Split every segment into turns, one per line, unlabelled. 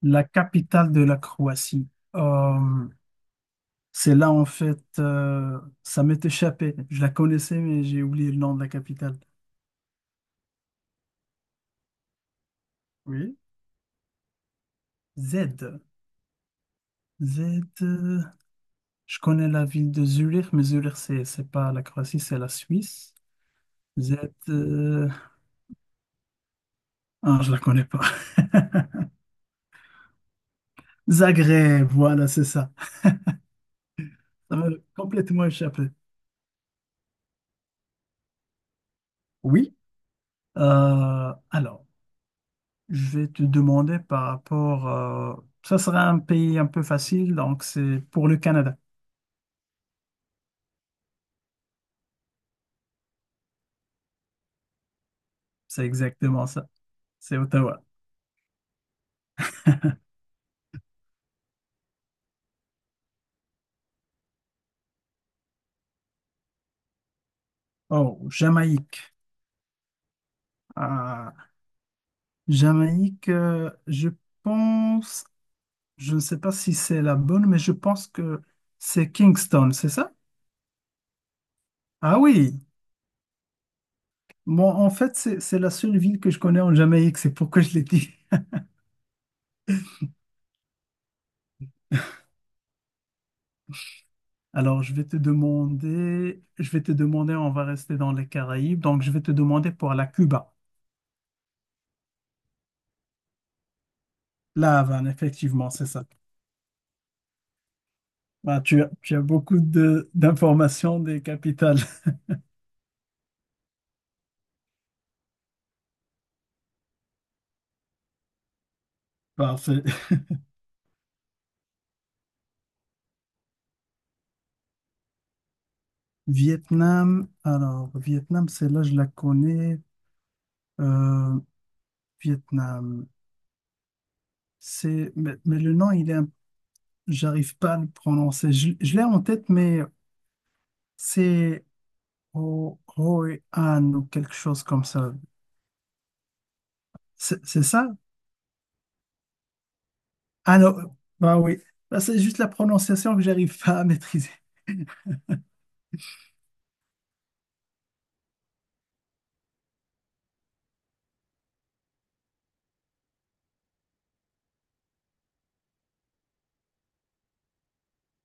La capitale de la Croatie. Euh, c'est là, en fait, ça m'est échappé. Je la connaissais, mais j'ai oublié le nom de la capitale. Oui. Z. Z. Je connais la ville de Zurich, mais Zurich, c'est pas la Croatie, c'est la Suisse. Z. euh, Ah, je la connais pas. Zagreb, voilà, c'est ça. Ça m'a complètement échappé. Oui. Alors, je vais te demander par rapport. Ça sera un pays un peu facile, donc c'est pour le Canada. C'est exactement ça. C'est Ottawa. Oh, Jamaïque. Ah, Jamaïque, je pense, je ne sais pas si c'est la bonne, mais je pense que c'est Kingston, c'est ça? Ah oui. Bon, en fait, c'est la seule ville que je connais en Jamaïque, c'est pourquoi je l'ai dit. Alors, je vais te demander, on va rester dans les Caraïbes, donc je vais te demander pour la Cuba. La Havane, effectivement, c'est ça. Bah, tu as beaucoup de- d'informations des capitales. Parfait. Vietnam, alors Vietnam, celle-là, je la connais. Euh, Vietnam, c'est, mais le nom, il est, un- j'arrive pas à le prononcer. Je l'ai en tête, mais c'est Ho Hoi An ou quelque chose comme ça. C'est ça? Ah non, bah oui. Bah, c'est juste la prononciation que j'arrive pas à maîtriser.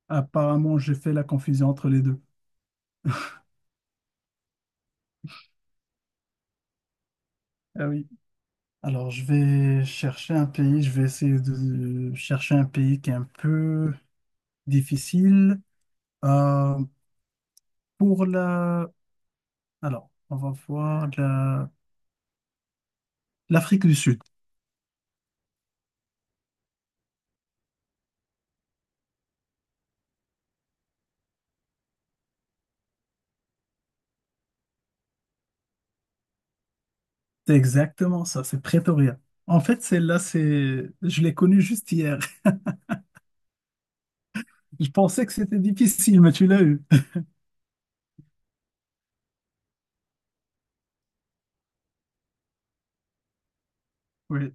Apparemment, j'ai fait la confusion entre les deux. Ah oui. Alors, je vais chercher un pays, je vais essayer de chercher un pays qui est un peu difficile. Euh, pour la... Alors, on va voir la... l'Afrique du Sud. C'est exactement ça, c'est Pretoria. En fait, celle-là, c'est... je l'ai connue juste hier. Je pensais que c'était difficile, mais tu l'as eu. Oui,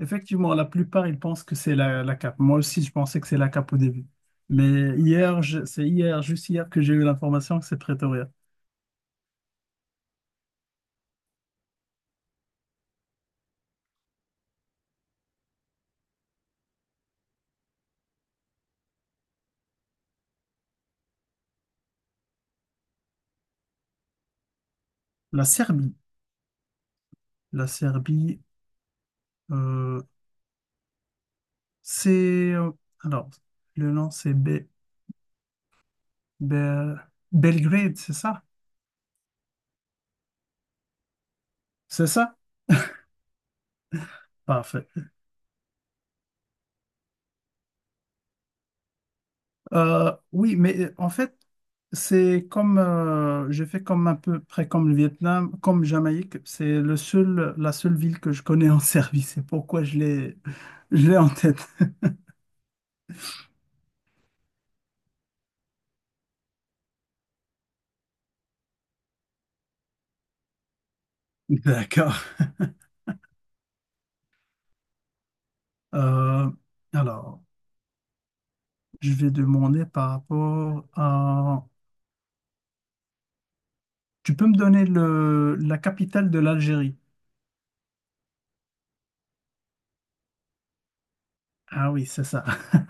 effectivement, la plupart, ils pensent que c'est la cape. Moi aussi, je pensais que c'est la cape au début. Mais hier, je- c'est hier, juste hier, que j'ai eu l'information que c'est Pretoria. La Serbie, la Serbie, euh, c'est... Alors, le nom, c'est Be- Be- Belgrade, c'est ça? C'est ça? Parfait. Oui, mais en fait, c'est comme, j'ai fait comme un peu près comme le Vietnam, comme Jamaïque, c'est le seul, la seule ville que je connais en Serbie. C'est pourquoi je l'ai en tête. D'accord. Euh, alors, je vais demander par rapport à... Tu peux me donner le, la capitale de l'Algérie? Ah oui, c'est ça.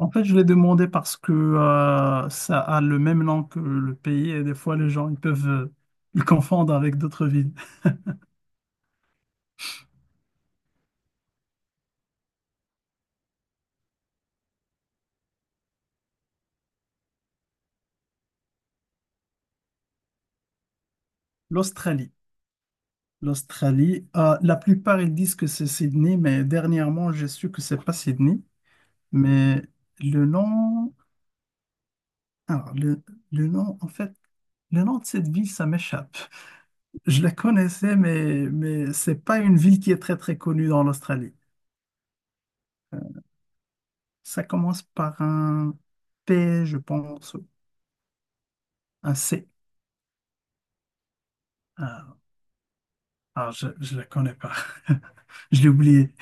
En fait, je l'ai demandé parce que ça a le même nom que le pays et des fois les gens ils peuvent le confondre avec d'autres villes. L'Australie. L'Australie, la plupart ils disent que c'est Sydney, mais dernièrement j'ai su que c'est pas Sydney. Mais le nom, alors le nom, en fait, le nom de cette ville, ça m'échappe. Je la connaissais, mais c'est pas une ville qui est très très connue dans l'Australie. Ça commence par un P, je pense, un C. Ah, je ne la connais pas. Je l'ai oublié.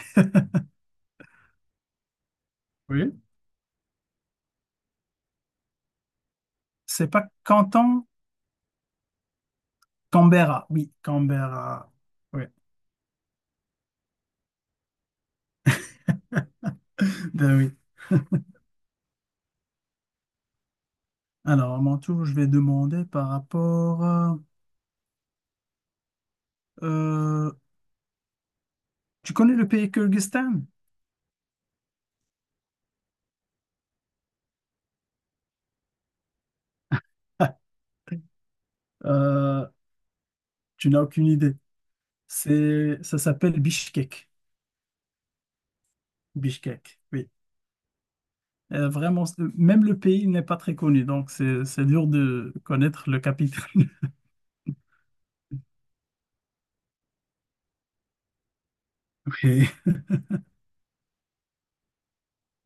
Oui. C'est pas Canton, Canberra. Oui, Canberra. Oui. Ben oui. Alors, à mon tour, je vais demander par rapport. Euh, Tu connais le pays Kyrgyzstan? euh, Tu n'as aucune idée. C'est, ça s'appelle Bishkek. Bishkek, oui. Vraiment, c'est- même le pays n'est pas très connu, donc c'est dur de connaître le capital. Ok.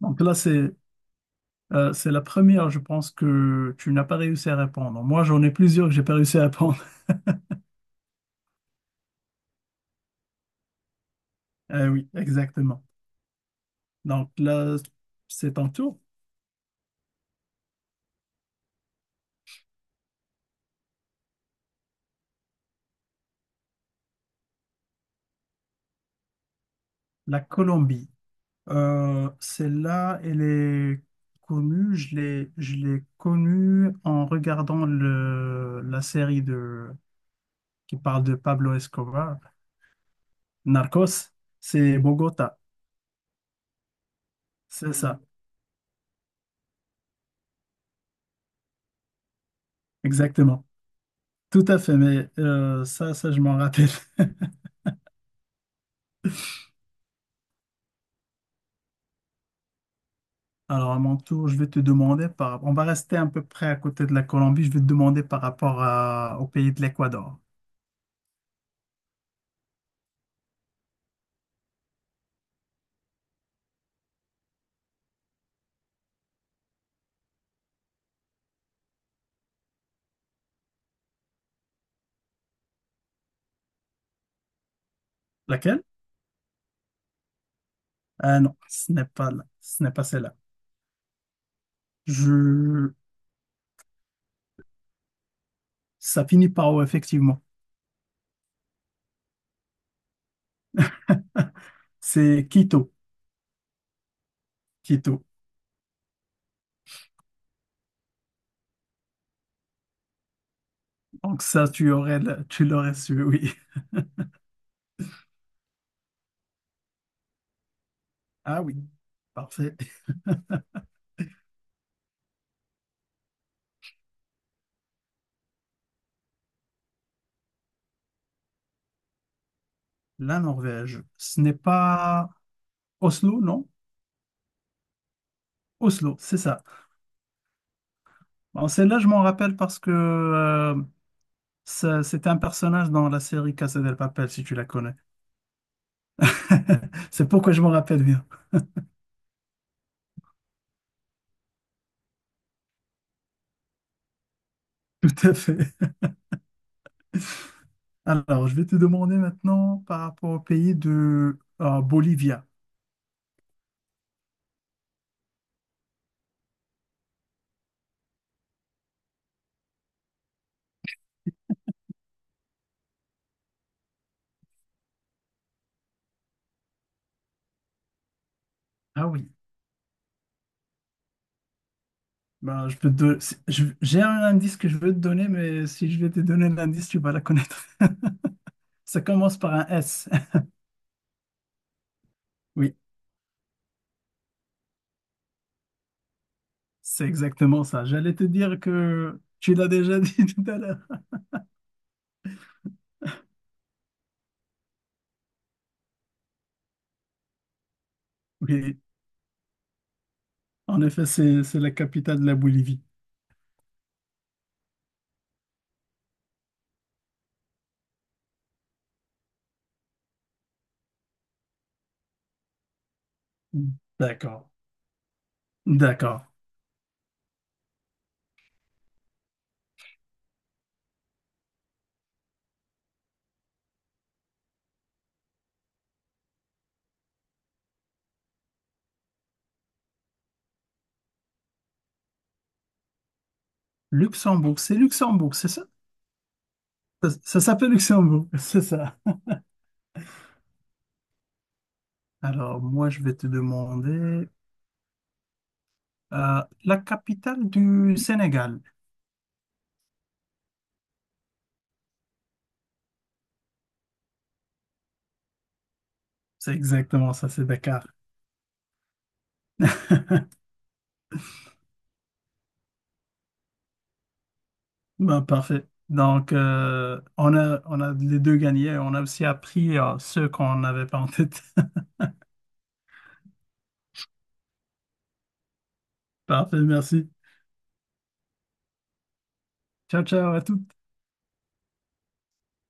Donc là, c'est la première, je pense, que tu n'as pas réussi à répondre. Moi, j'en ai plusieurs que j'ai pas réussi à répondre. Ah oui, exactement. Donc là, c'est ton tour. La Colombie. Celle-là, elle est connue. Je l'ai connue en regardant le, la série de, qui parle de Pablo Escobar, Narcos. C'est Bogota. C'est ça, exactement. Tout à fait, mais ça, ça, je m'en rappelle. Alors, à mon tour, je vais te demander par... On va rester à peu près à côté de la Colombie. Je vais te demander par rapport à- au pays de l'Équateur. Laquelle? Ah non, ce n'est pas là. Ce n'est pas celle-là. Je... Ça finit par O, effectivement. C'est Quito. Quito. Donc ça, tu aurais, le- tu l'aurais su, oui. Ah oui, parfait. La Norvège, ce n'est pas Oslo, non? Oslo, c'est ça. Bon, celle-là, je m'en rappelle parce que ça- c'était un personnage dans la série Casa del Papel, si tu la connais. C'est pourquoi je m'en rappelle bien. Tout à fait. Alors, je vais te demander maintenant par rapport au pays de Bolivia. Ah oui. Ben, je peux te don- si- je- J'ai un indice que je veux te donner, mais si je vais te donner l'indice, tu vas la connaître. Ça commence par un S. Oui. C'est exactement ça. J'allais te dire que tu l'as déjà dit tout à l'heure. Oui, en effet, c'est la capitale de la Bolivie. D'accord. D'accord. Luxembourg, c'est ça? Ça s'appelle Luxembourg, c'est ça. Alors, moi, je vais te demander la capitale du Sénégal. C'est exactement ça, c'est Dakar. Ben, parfait. Donc, on a les deux gagnés. On a aussi appris ceux qu'on n'avait pas en tête. Parfait, merci. Ciao, ciao à toutes.